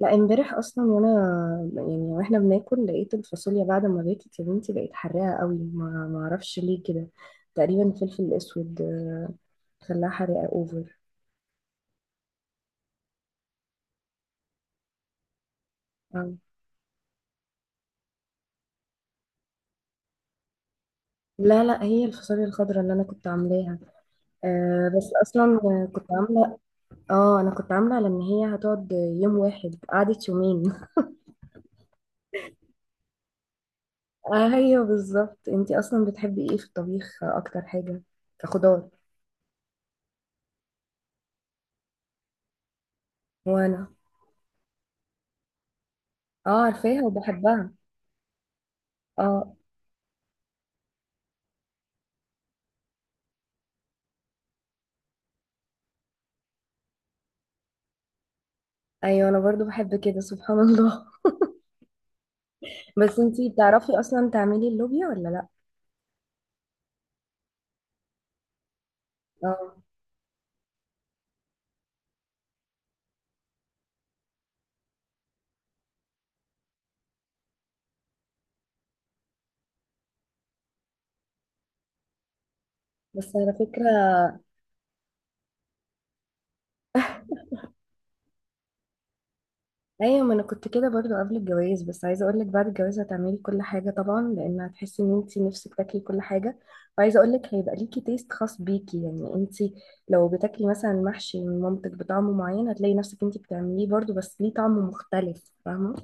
لا، امبارح اصلا وانا يعني واحنا بناكل لقيت الفاصوليا بعد ما باكت. يا بنتي بقت حراقه قوي، ما اعرفش ليه، كده تقريبا فلفل اسود، خلاها حراقه اوفر. آه. لا لا، هي الفاصوليا الخضراء اللي انا كنت عاملاها. آه بس اصلا كنت عامله كنت عامله على ان هي هتقعد يوم واحد، قعدت يومين. آه ايوه بالظبط، انتي اصلا بتحبي ايه في الطبيخ اكتر حاجه؟ كخضار؟ وانا. اه عارفاها وبحبها. اه ايوه، انا برضو بحب كده، سبحان الله. بس انتي بتعرفي اصلا تعملي اللوبيا ولا لا؟ اه بس على فكرة. ايوه، ما انا كنت كده برضو قبل الجواز، بس عايزة اقولك بعد الجواز هتعملي كل حاجة طبعا، لان هتحسي ان انتي نفسك تاكلي كل حاجة. وعايزة اقولك هيبقى ليكي تيست خاص بيكي، يعني انتي لو بتاكلي مثلا محشي من مامتك بطعم معين، هتلاقي نفسك انتي بتعمليه برضو بس ليه طعم مختلف، فاهمة؟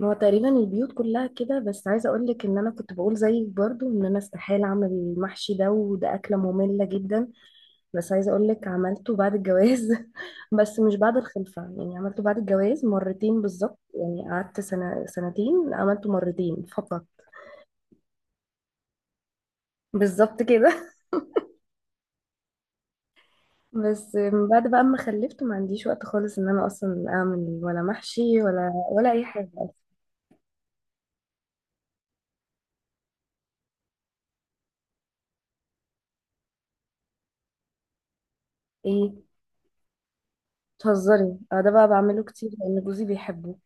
ما هو تقريبا البيوت كلها كده، بس عايزة اقولك ان انا كنت بقول زيك برضو ان انا استحالة اعمل المحشي ده، وده اكلة مملة جدا. بس عايزة أقولك عملته بعد الجواز. بس مش بعد الخلفة، يعني عملته بعد الجواز مرتين بالظبط، يعني قعدت سنة سنتين عملته مرتين فقط. بالظبط كده. بس من بعد بقى ما خلفت ما عنديش وقت خالص ان انا اصلا اعمل ولا محشي ولا اي حاجة. ايه؟ بتهزري؟ اه، ده بقى بعمله كتير لان جوزي بيحبه.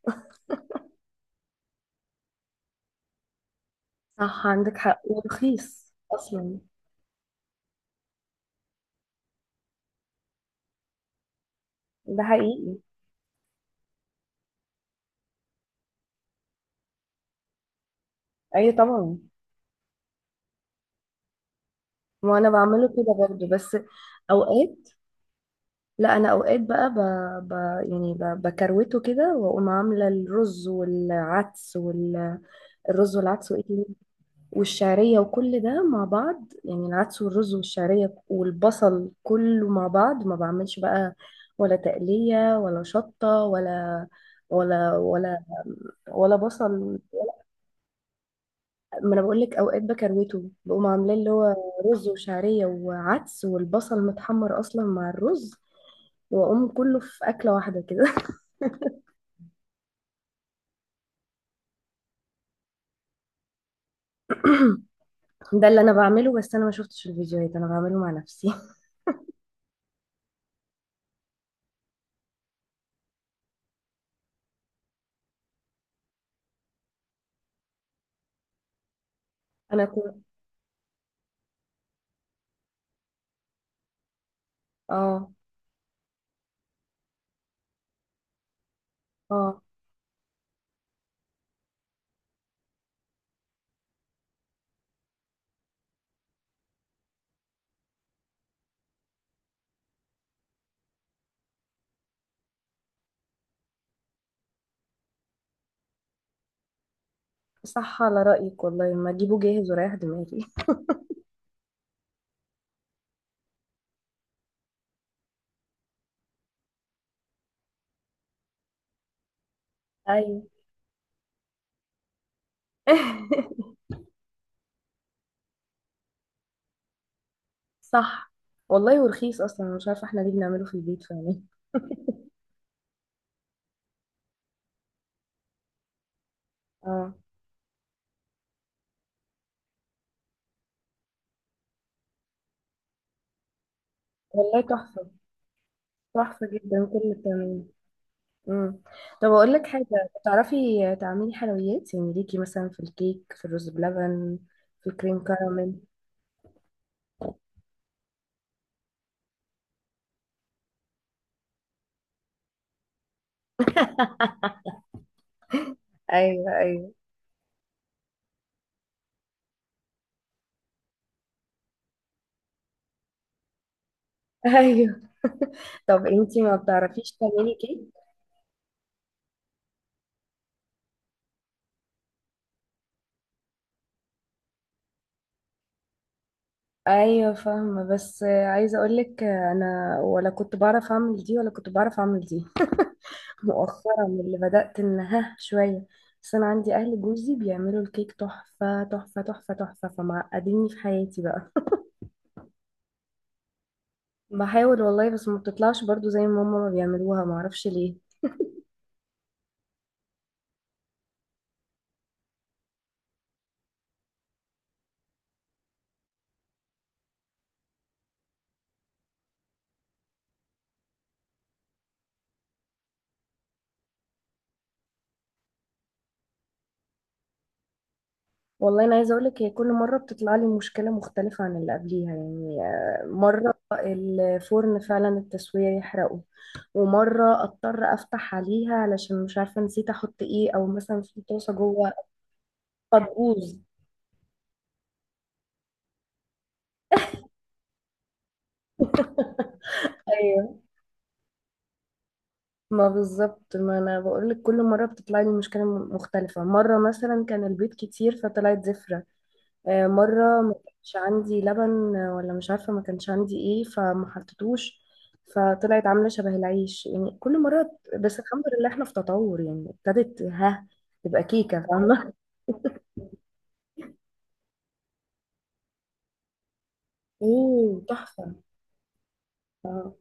صح، عندك حق، ورخيص اصلا. ده حقيقي. اي طبعا. وانا بعمله كده برضه، بس اوقات. لا، انا اوقات بقى، ب... يعني بكروته كده، واقوم عامله الرز والعدس الرز والعدس وايه تاني؟ والشعريه، وكل ده مع بعض، يعني العدس والرز والشعريه والبصل كله مع بعض، ما بعملش بقى ولا تقليه ولا شطه ولا ولا ولا بصل. ما انا بقول لك اوقات بكروته، بقوم عاملاه اللي هو رز وشعريه وعدس والبصل متحمر اصلا مع الرز، واقوم كله في اكله واحده كده. ده اللي انا بعمله، بس انا ما شفتش الفيديوهات، انا بعمله مع نفسي. انا كنت. اه، اه، صح على رأيك، والله ما اجيبه جاهز ورايح دماغي. ايوه. صح والله، ورخيص اصلا، أنا مش عارفه احنا ليه بنعمله في البيت فعلا. اه، والله تحفه، تحفه جدا كل التمارين. امم. طب اقول لك حاجه. بتعرفي تعملي حلويات؟ يعني ليكي مثلا في الكيك، في الرز بلبن، في الكريم كراميل. ايوه ايوه. ايوه. طب انتي ما بتعرفيش تعملي كيك؟ ايوه فاهمه، بس عايزه اقولك انا ولا كنت بعرف اعمل دي ولا كنت بعرف اعمل دي. مؤخرا اللي بدات ان ها شويه. بس انا عندي اهل جوزي بيعملوا الكيك تحفه تحفه تحفه تحفه، فمعقديني في حياتي بقى. بحاول والله، بس ما بتطلعش برضو زي ما ماما ما بيعملوها، ما اعرفش ليه. والله انا عايزه اقولك هي كل مره بتطلع لي مشكله مختلفه عن اللي قبليها، يعني مره الفرن فعلا التسويه يحرقه. ومره اضطر افتح عليها علشان مش عارفه نسيت احط ايه، او مثلا في طاسه جوه فتبوظ. ايوه، ما بالظبط، ما انا بقولك كل مره بتطلع لي مشكله مختلفه. مره مثلا كان البيض كتير فطلعت زفره. مرة ما كانش عندي لبن، ولا مش عارفة ما كانش عندي ايه فما حطيتوش. فطلعت عاملة شبه العيش، يعني كل مرة. بس الحمد لله احنا في تطور، يعني ابتدت ها تبقى كيكة، فاهمة؟ اوه تحفة. اه.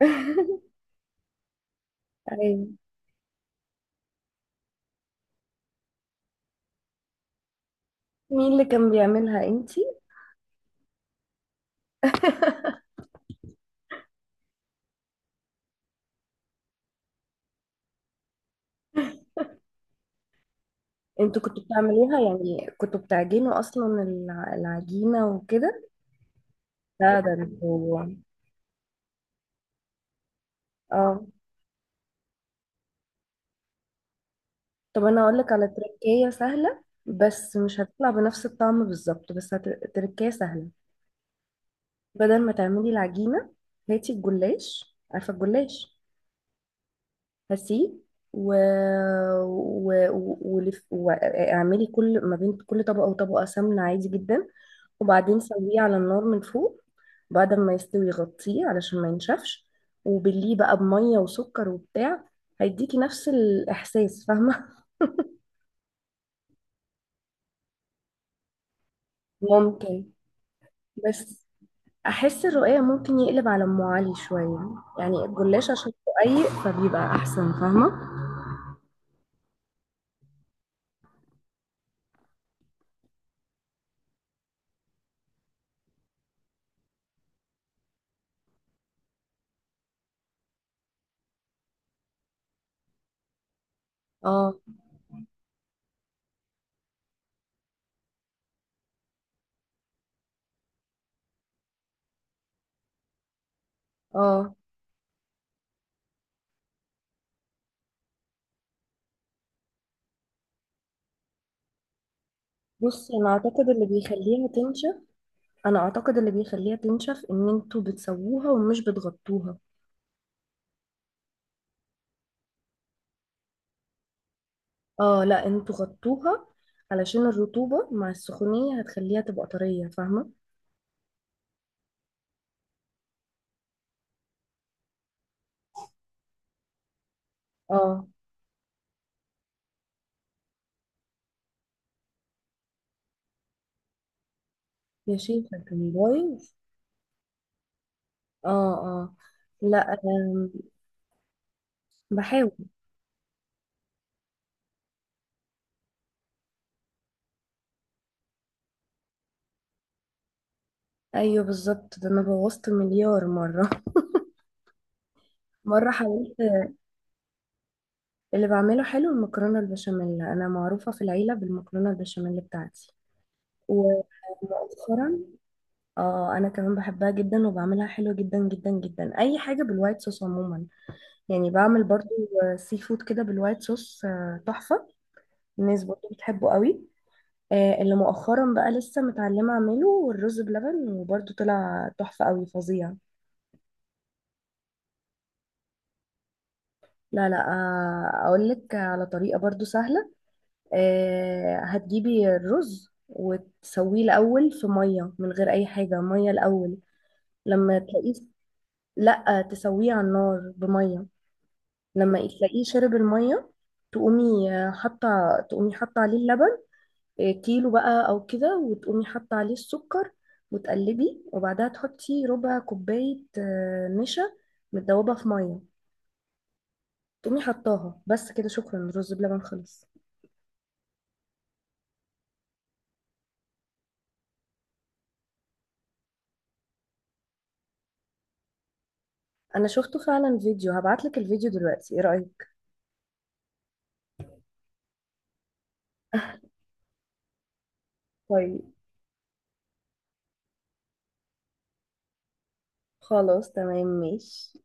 أيوة. مين اللي كان بيعملها؟ انتي؟ انتوا كنتوا بتعملوها؟ يعني كنتوا بتعجنوا اصلا العجينة وكده؟ لا، ده انتوا. اه، طب انا اقول لك على تركية سهلة، بس مش هتطلع بنفس الطعم بالظبط، بس تركية سهلة. بدل ما تعملي العجينة، هاتي الجلاش، عارفة الجلاش؟ هاتيه، و... واعملي كل ما بين كل طبقة وطبقة سمنة عادي جدا. وبعدين سويه على النار من فوق. بعد ما يستوي غطيه علشان ما ينشفش. وبليه بقى بمية وسكر وبتاع. هيديكي نفس الإحساس، فاهمة؟ ممكن، بس احس الرقاق ممكن يقلب على ام علي شويه، يعني الجلاش عشان رقيق فبيبقى احسن، فاهمه؟ اه اه، بصي انا اعتقد اللي بيخليها تنشف ان انتوا بتسووها ومش بتغطوها. اه لا، انتوا غطوها علشان الرطوبه مع السخونيه هتخليها تبقى طريه، فاهمه؟ اه، يا شيخه كان بايظ. اه اه لا، بحاول. ايوه بالظبط، ده انا بوظت مليار مره. مره حاولت. اللي بعمله حلو المكرونة البشاميل، أنا معروفة في العيلة بالمكرونة البشاميل بتاعتي. ومؤخرا. اه، أنا كمان بحبها جدا وبعملها حلو جدا جدا جدا، أي حاجة بالوايت صوص عموما. يعني بعمل برضو سي فود كده بالوايت صوص، تحفة. الناس برضو بتحبه قوي. اللي مؤخرا بقى لسه متعلمة أعمله والرز بلبن، وبرضو طلع تحفة قوي فظيع. لا لا، أقولك على طريقة برضو سهلة. هتجيبي الرز وتسويه الأول في مية من غير أي حاجة، مية الأول. لما تلاقيه، لأ تسويه على النار بمية. لما تلاقيه شرب المية، تقومي حاطة عليه اللبن. كيلو بقى أو كده، وتقومي حاطة عليه السكر. وتقلبي، وبعدها تحطي ربع كوباية نشا متدوبة في مية. تقومي حطاها، بس كده، شكرا، الرز بلبن خلص. أنا شفته فعلا فيديو، هبعتلك الفيديو دلوقتي، إيه رأيك؟ طيب، خلاص تمام ماشي.